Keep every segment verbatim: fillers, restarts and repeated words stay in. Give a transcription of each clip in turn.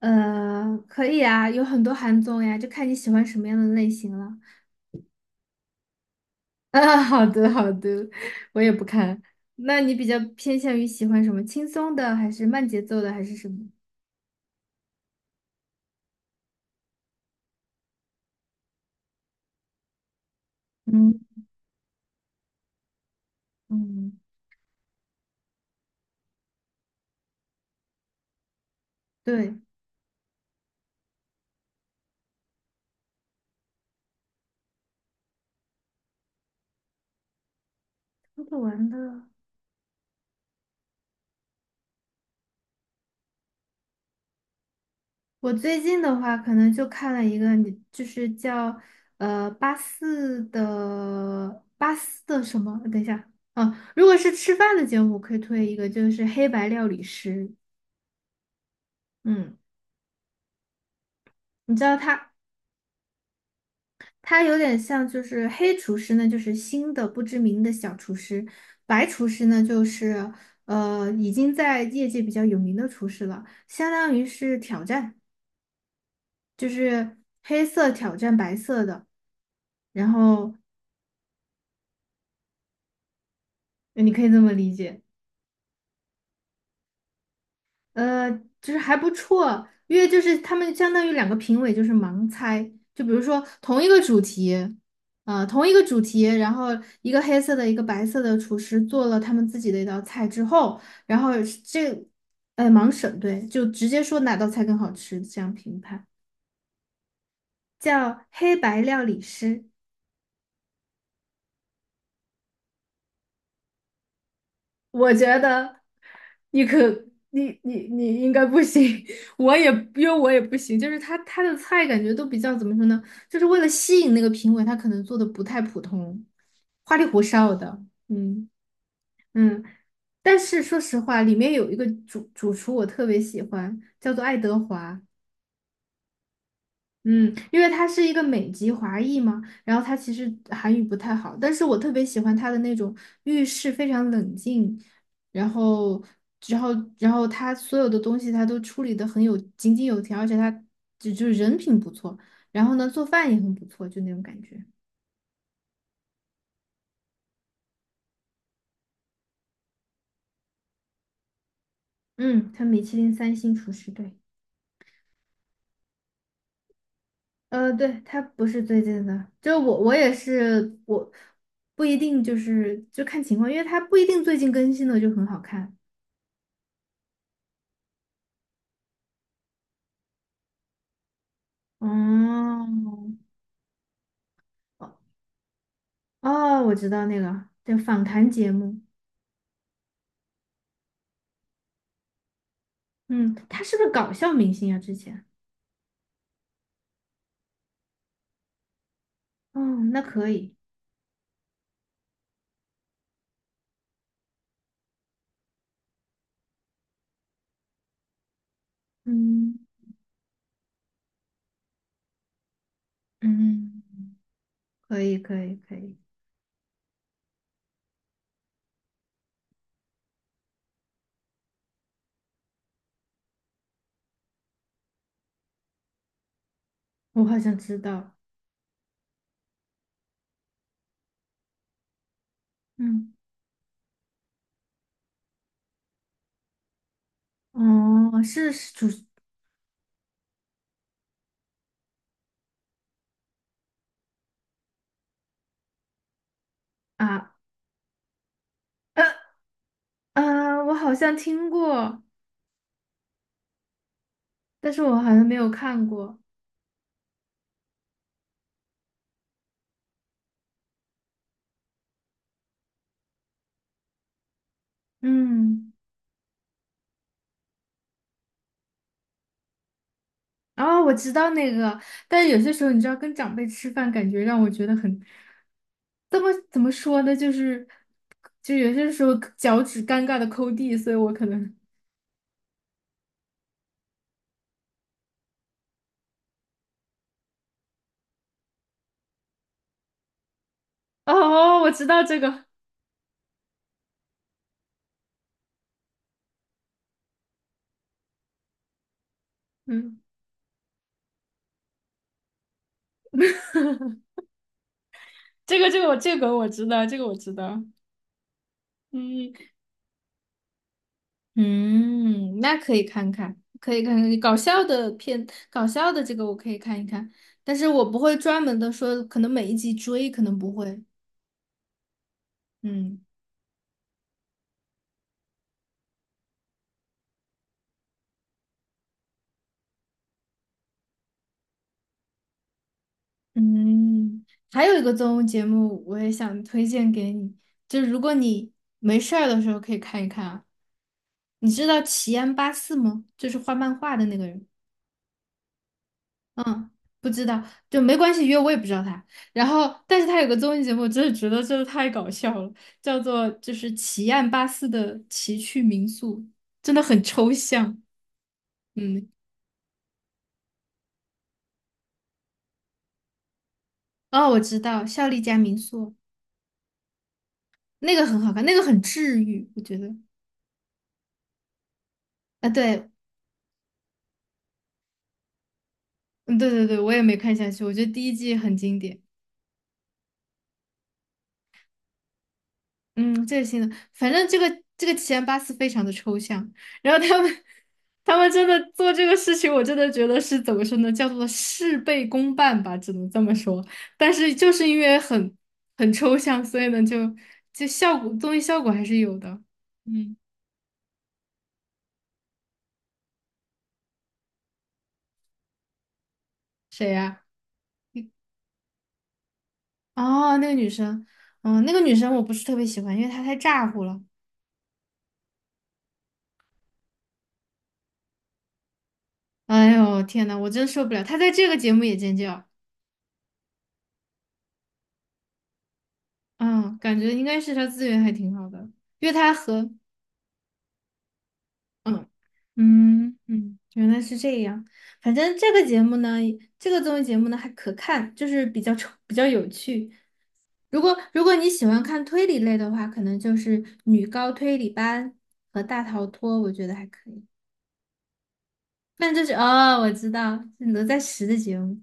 呃，可以啊，有很多韩综呀，就看你喜欢什么样的类型了。啊，好的好的，我也不看。那你比较偏向于喜欢什么？轻松的，还是慢节奏的，还是什么？嗯嗯，对，看不完的。我最近的话，可能就看了一个，你就是叫呃八四的八四的什么？等一下，啊，如果是吃饭的节目，我可以推一个，就是《黑白料理师》。嗯，你知道他？它有点像，就是黑厨师呢，就是新的不知名的小厨师；白厨师呢，就是呃已经在业界比较有名的厨师了，相当于是挑战，就是黑色挑战白色的，然后呃你可以这么理解。呃，就是还不错，因为就是他们相当于两个评委就是盲猜，就比如说同一个主题，呃，同一个主题，然后一个黑色的，一个白色的厨师做了他们自己的一道菜之后，然后这，哎，盲审，对，就直接说哪道菜更好吃，这样评判，叫黑白料理师。我觉得你可你你你应该不行，我也因为我也不行，就是他他的菜感觉都比较怎么说呢，就是为了吸引那个评委，他可能做的不太普通，花里胡哨的，嗯嗯。但是说实话，里面有一个主主厨我特别喜欢，叫做爱德华，嗯，因为他是一个美籍华裔嘛，然后他其实韩语不太好，但是我特别喜欢他的那种遇事非常冷静，然后，然后，然后他所有的东西他都处理的很有井井有条，而且他就就是人品不错，然后呢做饭也很不错，就那种感觉。嗯，他米其林三星厨师，对，呃，对，他不是最近的，就我我也是我不一定就是就看情况，因为他不一定最近更新的就很好看。哦，哦，哦我知道那个叫访谈节目，嗯，他是不是搞笑明星啊？之前，哦，那可以，嗯嗯，可以可以可以，我好像知道，嗯，哦，是是主啊，呃啊，我好像听过，但是我好像没有看过，嗯。哦，我知道那个，但是有些时候你知道，跟长辈吃饭，感觉让我觉得很，怎么怎么说呢，就是，就有些时候脚趾尴尬的抠地，所以我可能，哦，我知道这个，嗯，这个这个我这个我知道，这个我知道，嗯嗯，那可以看看，可以看看搞笑的片，搞笑的这个我可以看一看，但是我不会专门的说，可能每一集追，可能不会，嗯。嗯，还有一个综艺节目，我也想推荐给你，就是如果你没事儿的时候可以看一看啊。你知道奇安八四吗？就是画漫画的那个人。嗯，不知道，就没关系，因为我也不知道他。然后，但是他有个综艺节目，真的觉得真的太搞笑了，叫做就是奇案八四的奇趣民宿，真的很抽象。嗯，哦，我知道，效力家民宿那个很好看，那个很治愈，我觉得。啊，对，嗯，对对对，我也没看下去，我觉得第一季很经典。嗯，这个新的，反正这个这个奇安巴斯非常的抽象，然后他们 他们真的做这个事情，我真的觉得是怎么说呢，叫做事倍功半吧，只能这么说。但是就是因为很很抽象，所以呢，就就效果综艺效果还是有的。嗯，谁呀、哦，那个女生，嗯，那个女生我不是特别喜欢，因为她太咋呼了。哎呦，天呐，我真受不了，她在这个节目也尖叫。嗯，感觉应该是他资源还挺好的，因为他和嗯嗯嗯，原来是这样。反正这个节目呢，这个综艺节目呢还可看，就是比较丑比较有趣。如果如果你喜欢看推理类的话，可能就是《女高推理班》和《大逃脱》，我觉得还可以。但这是哦，我知道是哪吒十的节目，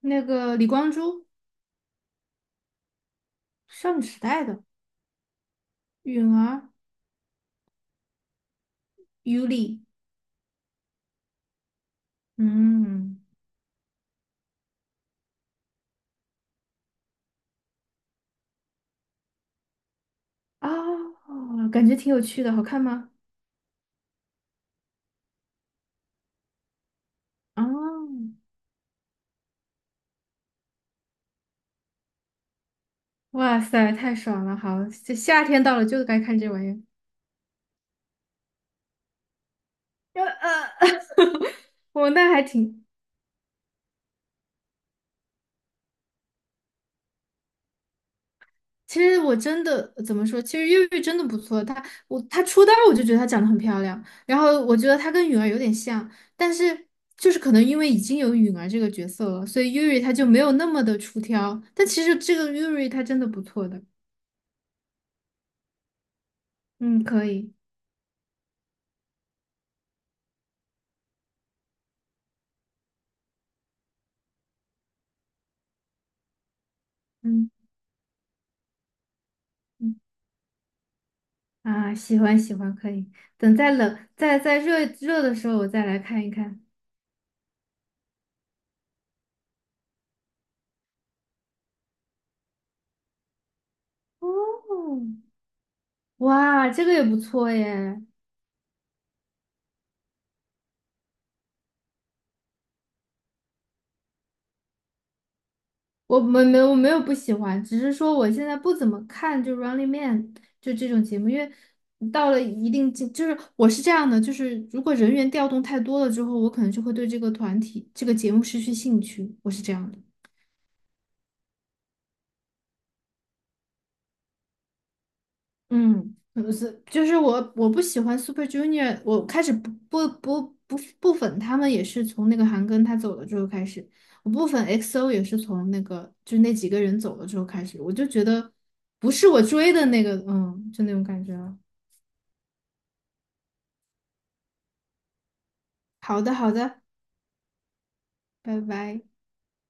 那个李光洙，少女时代的允儿、尤里，嗯。哦，感觉挺有趣的，好看吗？哦，哇塞，太爽了！好，这夏天到了就该看这玩意儿。呃呃，我那还挺，其实我真的怎么说？其实越狱真的不错，她我她出道我就觉得她长得很漂亮，然后我觉得她跟允儿有点像，但是就是可能因为已经有允儿这个角色了，所以 Yuri 她就没有那么的出挑。但其实这个 Yuri 她真的不错的，嗯，可以，嗯嗯。啊，喜欢喜欢，可以。等再冷，再再热热的时候，我再来看一看。哦，哇，这个也不错耶。我没没有我没有不喜欢，只是说我现在不怎么看就《Running Man》就这种节目，因为到了一定境，就是我是这样的，就是如果人员调动太多了之后，我可能就会对这个团体、这个节目失去兴趣，我是这样的。嗯，不是，就是我我不喜欢 Super Junior，我开始不不不不不粉他们也是从那个韩庚他走了之后开始，我不粉 X O 也是从那个就那几个人走了之后开始，我就觉得不是我追的那个，嗯，就那种感觉了。好的，好的，拜拜。